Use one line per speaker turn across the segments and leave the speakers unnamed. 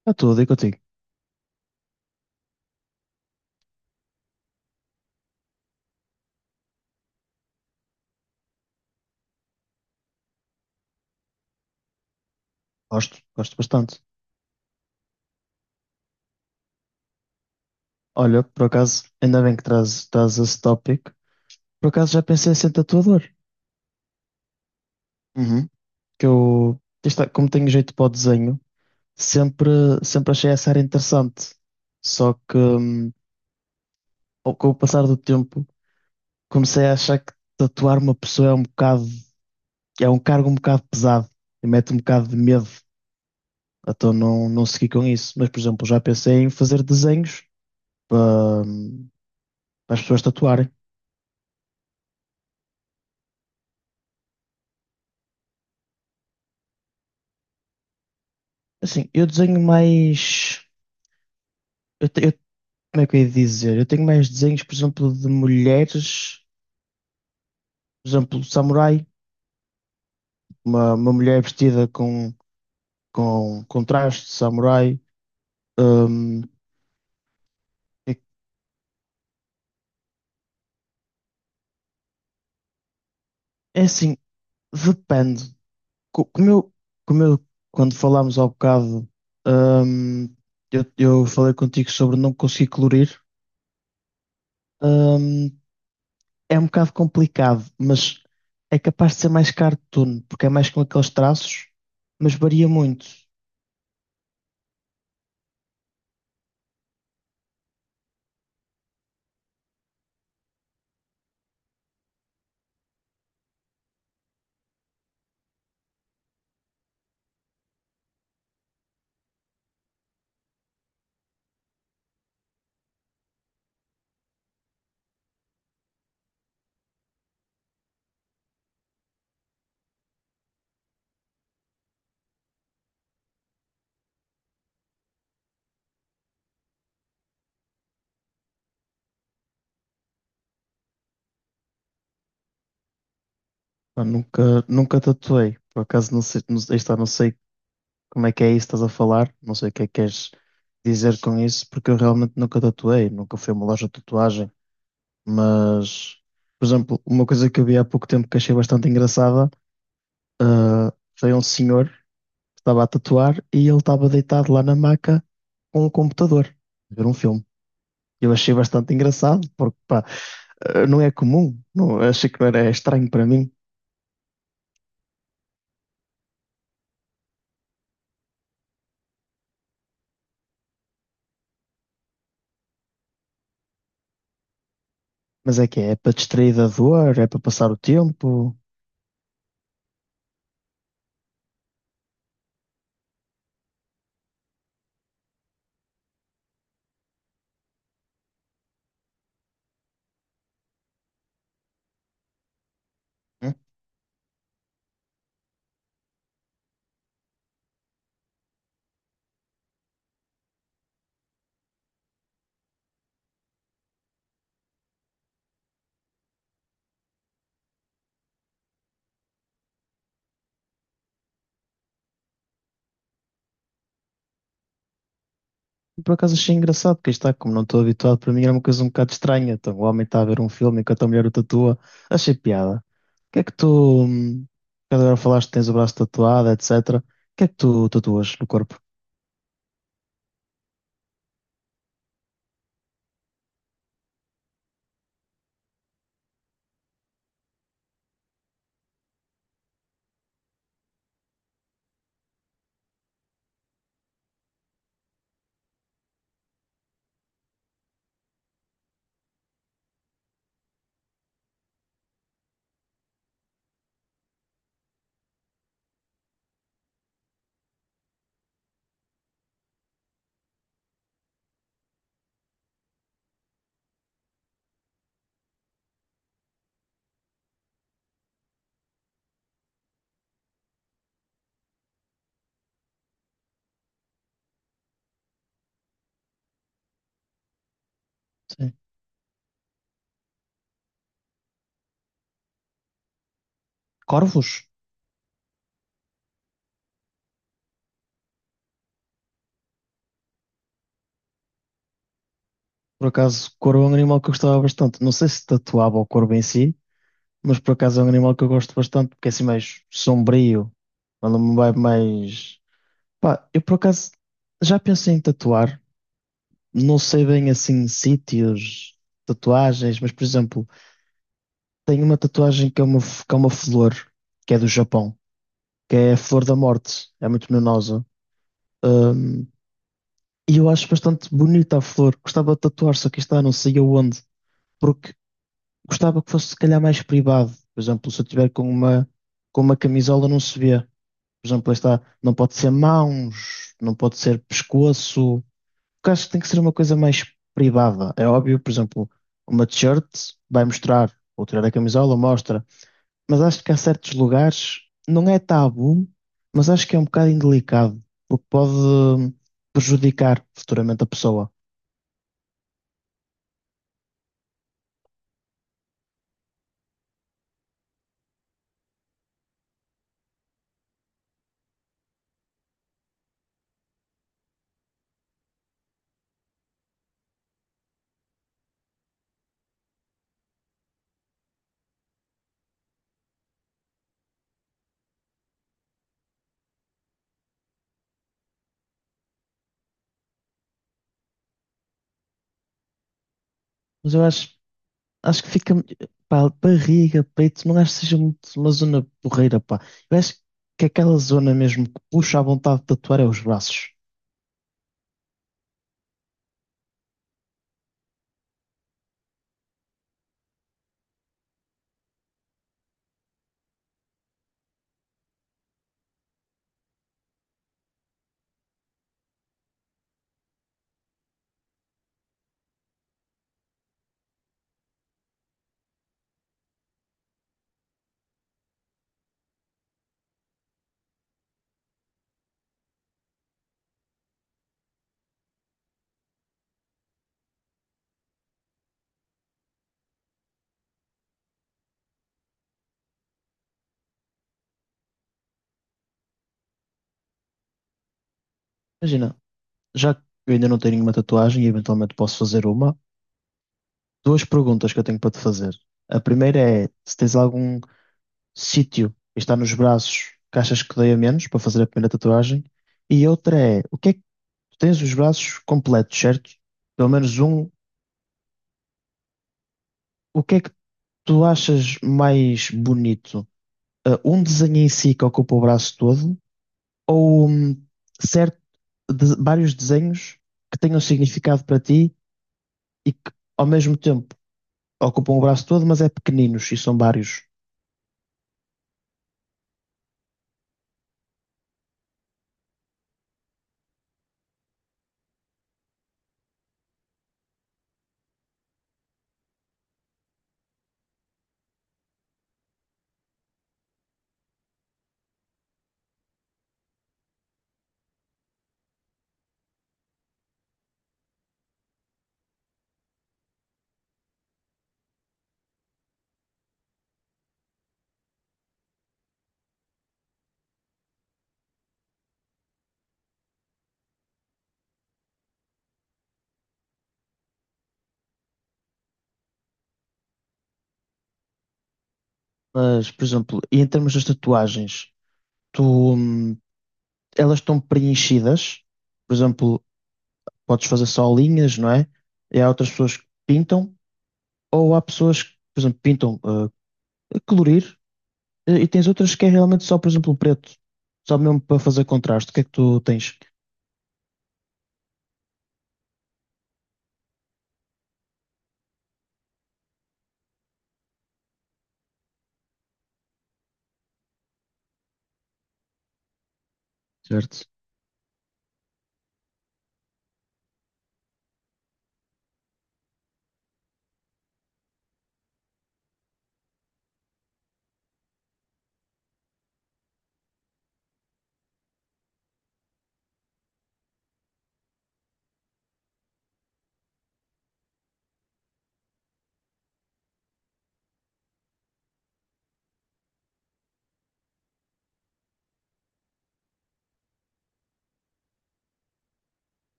Está tudo aí contigo. Gosto, gosto bastante. Olha, por acaso, ainda bem que traz esse tópico. Por acaso já pensei em ser tatuador. Uhum. Que eu, isto é, como tenho jeito para o desenho, sempre, sempre achei essa área interessante. Só que, ao- com o passar do tempo, comecei a achar que tatuar uma pessoa é um bocado, é um cargo um bocado pesado e mete um bocado de medo. Então não, não segui com isso. Mas, por exemplo, já pensei em fazer desenhos para, para as pessoas tatuarem. Assim, eu desenho mais. Eu, te- eu- Como é que eu ia dizer? Eu tenho mais desenhos, por exemplo, de mulheres, por exemplo, samurai, uma mulher vestida com, com traje de samurai. Hum, é, é assim, depende. Co- Como eu, como eu quando falámos há bocado, hum, eu falei contigo sobre não conseguir colorir. Hum, é um bocado complicado, mas é capaz de ser mais cartoon, porque é mais com aqueles traços, mas varia muito. Pá, nunca, nunca tatuei, por acaso não sei, não, aí está, não sei como é que é isso que estás a falar, não sei o que é que queres dizer com isso, porque eu realmente nunca tatuei, nunca fui a uma loja de tatuagem, mas, por exemplo, uma coisa que eu vi há pouco tempo que achei bastante engraçada foi um senhor que estava a tatuar e ele estava deitado lá na maca com o computador, a ver um filme. Eu achei bastante engraçado, porque pá, não é comum. Não, achei que não era estranho para mim. Mas é que é, é para distrair da dor, é para passar o tempo. Hum? Por acaso achei engraçado, porque está, como não estou habituado, para mim era uma coisa um bocado estranha. Então, o homem está a ver um filme enquanto a mulher o tatua. Achei piada. O que é que tu. Agora falaste que tens o braço tatuado, etc. O que é que tu tatuas no corpo? Sim. Corvos? Por acaso, corvo é um animal que eu gostava bastante. Não sei se tatuava o corvo em si, mas por acaso é um animal que eu gosto bastante, porque é assim mais sombrio, quando me vai mais. Pá, eu por acaso já pensei em tatuar, não sei bem assim sítios, tatuagens, mas por exemplo, tenho uma tatuagem que é uma, que é uma flor, que é do Japão, que é a flor da morte, é muito venenosa. Hum, e eu acho bastante bonita a flor, gostava de tatuar, só que está, não sei aonde, porque gostava que fosse se calhar mais privado, por exemplo, se eu tiver com uma camisola não se vê. Por exemplo, lá está, não pode ser mãos, não pode ser pescoço. Porque acho que tem que ser uma coisa mais privada. É óbvio, por exemplo, uma t-shirt vai mostrar, ou tirar a camisola mostra. Mas acho que há certos lugares, não é tabu, mas acho que é um bocado indelicado, porque pode prejudicar futuramente a pessoa. Mas eu acho, Acho que fica, pá, barriga, peito, não acho que seja muito uma zona porreira, pá. Eu acho que aquela zona mesmo que puxa à vontade de tatuar é os braços. Imagina, já que eu ainda não tenho nenhuma tatuagem e eventualmente posso fazer uma, duas perguntas que eu tenho para te fazer. A primeira é se tens algum sítio que está nos braços que achas que doia menos para fazer a primeira tatuagem. E outra é, o que é que tu tens os braços completos, certo? Pelo menos um, o que é que tu achas mais bonito? Ah, um desenho em si que ocupa o braço todo ou certo, vários desenhos que tenham significado para ti e que ao mesmo tempo ocupam o braço todo, mas é pequeninos e são vários. Mas, por exemplo, e em termos das tatuagens, tu, elas estão preenchidas, por exemplo, podes fazer só linhas, não é? E há outras pessoas que pintam, ou há pessoas que, por exemplo, pintam ah, a colorir. E tens outras que é realmente só, por exemplo, o preto. Só mesmo para fazer contraste. O que é que tu tens? Certo?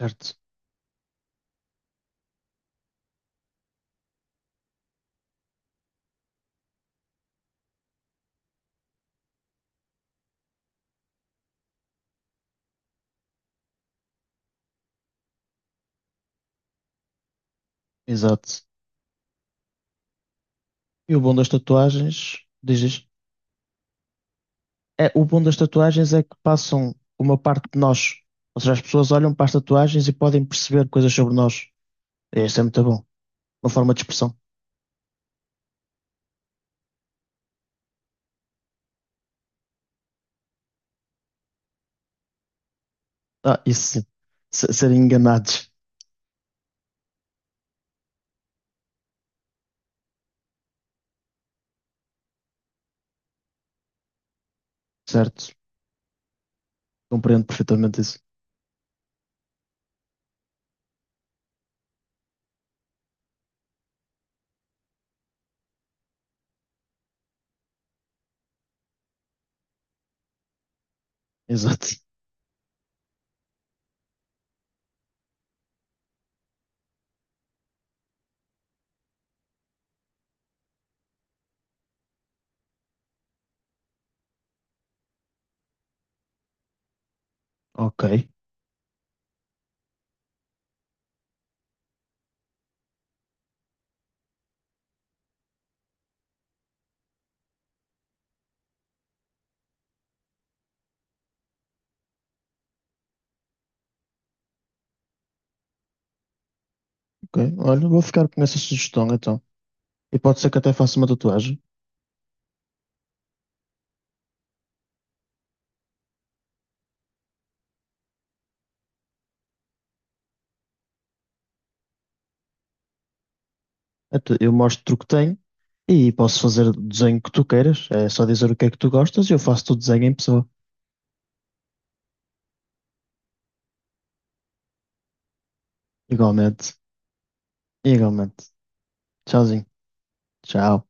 Certo. Exato. E o bom das tatuagens, dizes, é, o bom das tatuagens é que passam uma parte de nós. Ou seja, as pessoas olham para as tatuagens e podem perceber coisas sobre nós. E isso é muito bom. Uma forma de expressão. Ah, isso sim. Se- serem enganados. Certo. Compreendo perfeitamente isso. Exato. Ok. Ok. Olha, vou ficar com essa sugestão então. E pode ser que até faça uma tatuagem. Então, eu mostro o que tenho e posso fazer o desenho que tu queiras. É só dizer o que é que tu gostas e eu faço o desenho em pessoa. Igualmente. Igualmente. Tchauzinho. Tchau.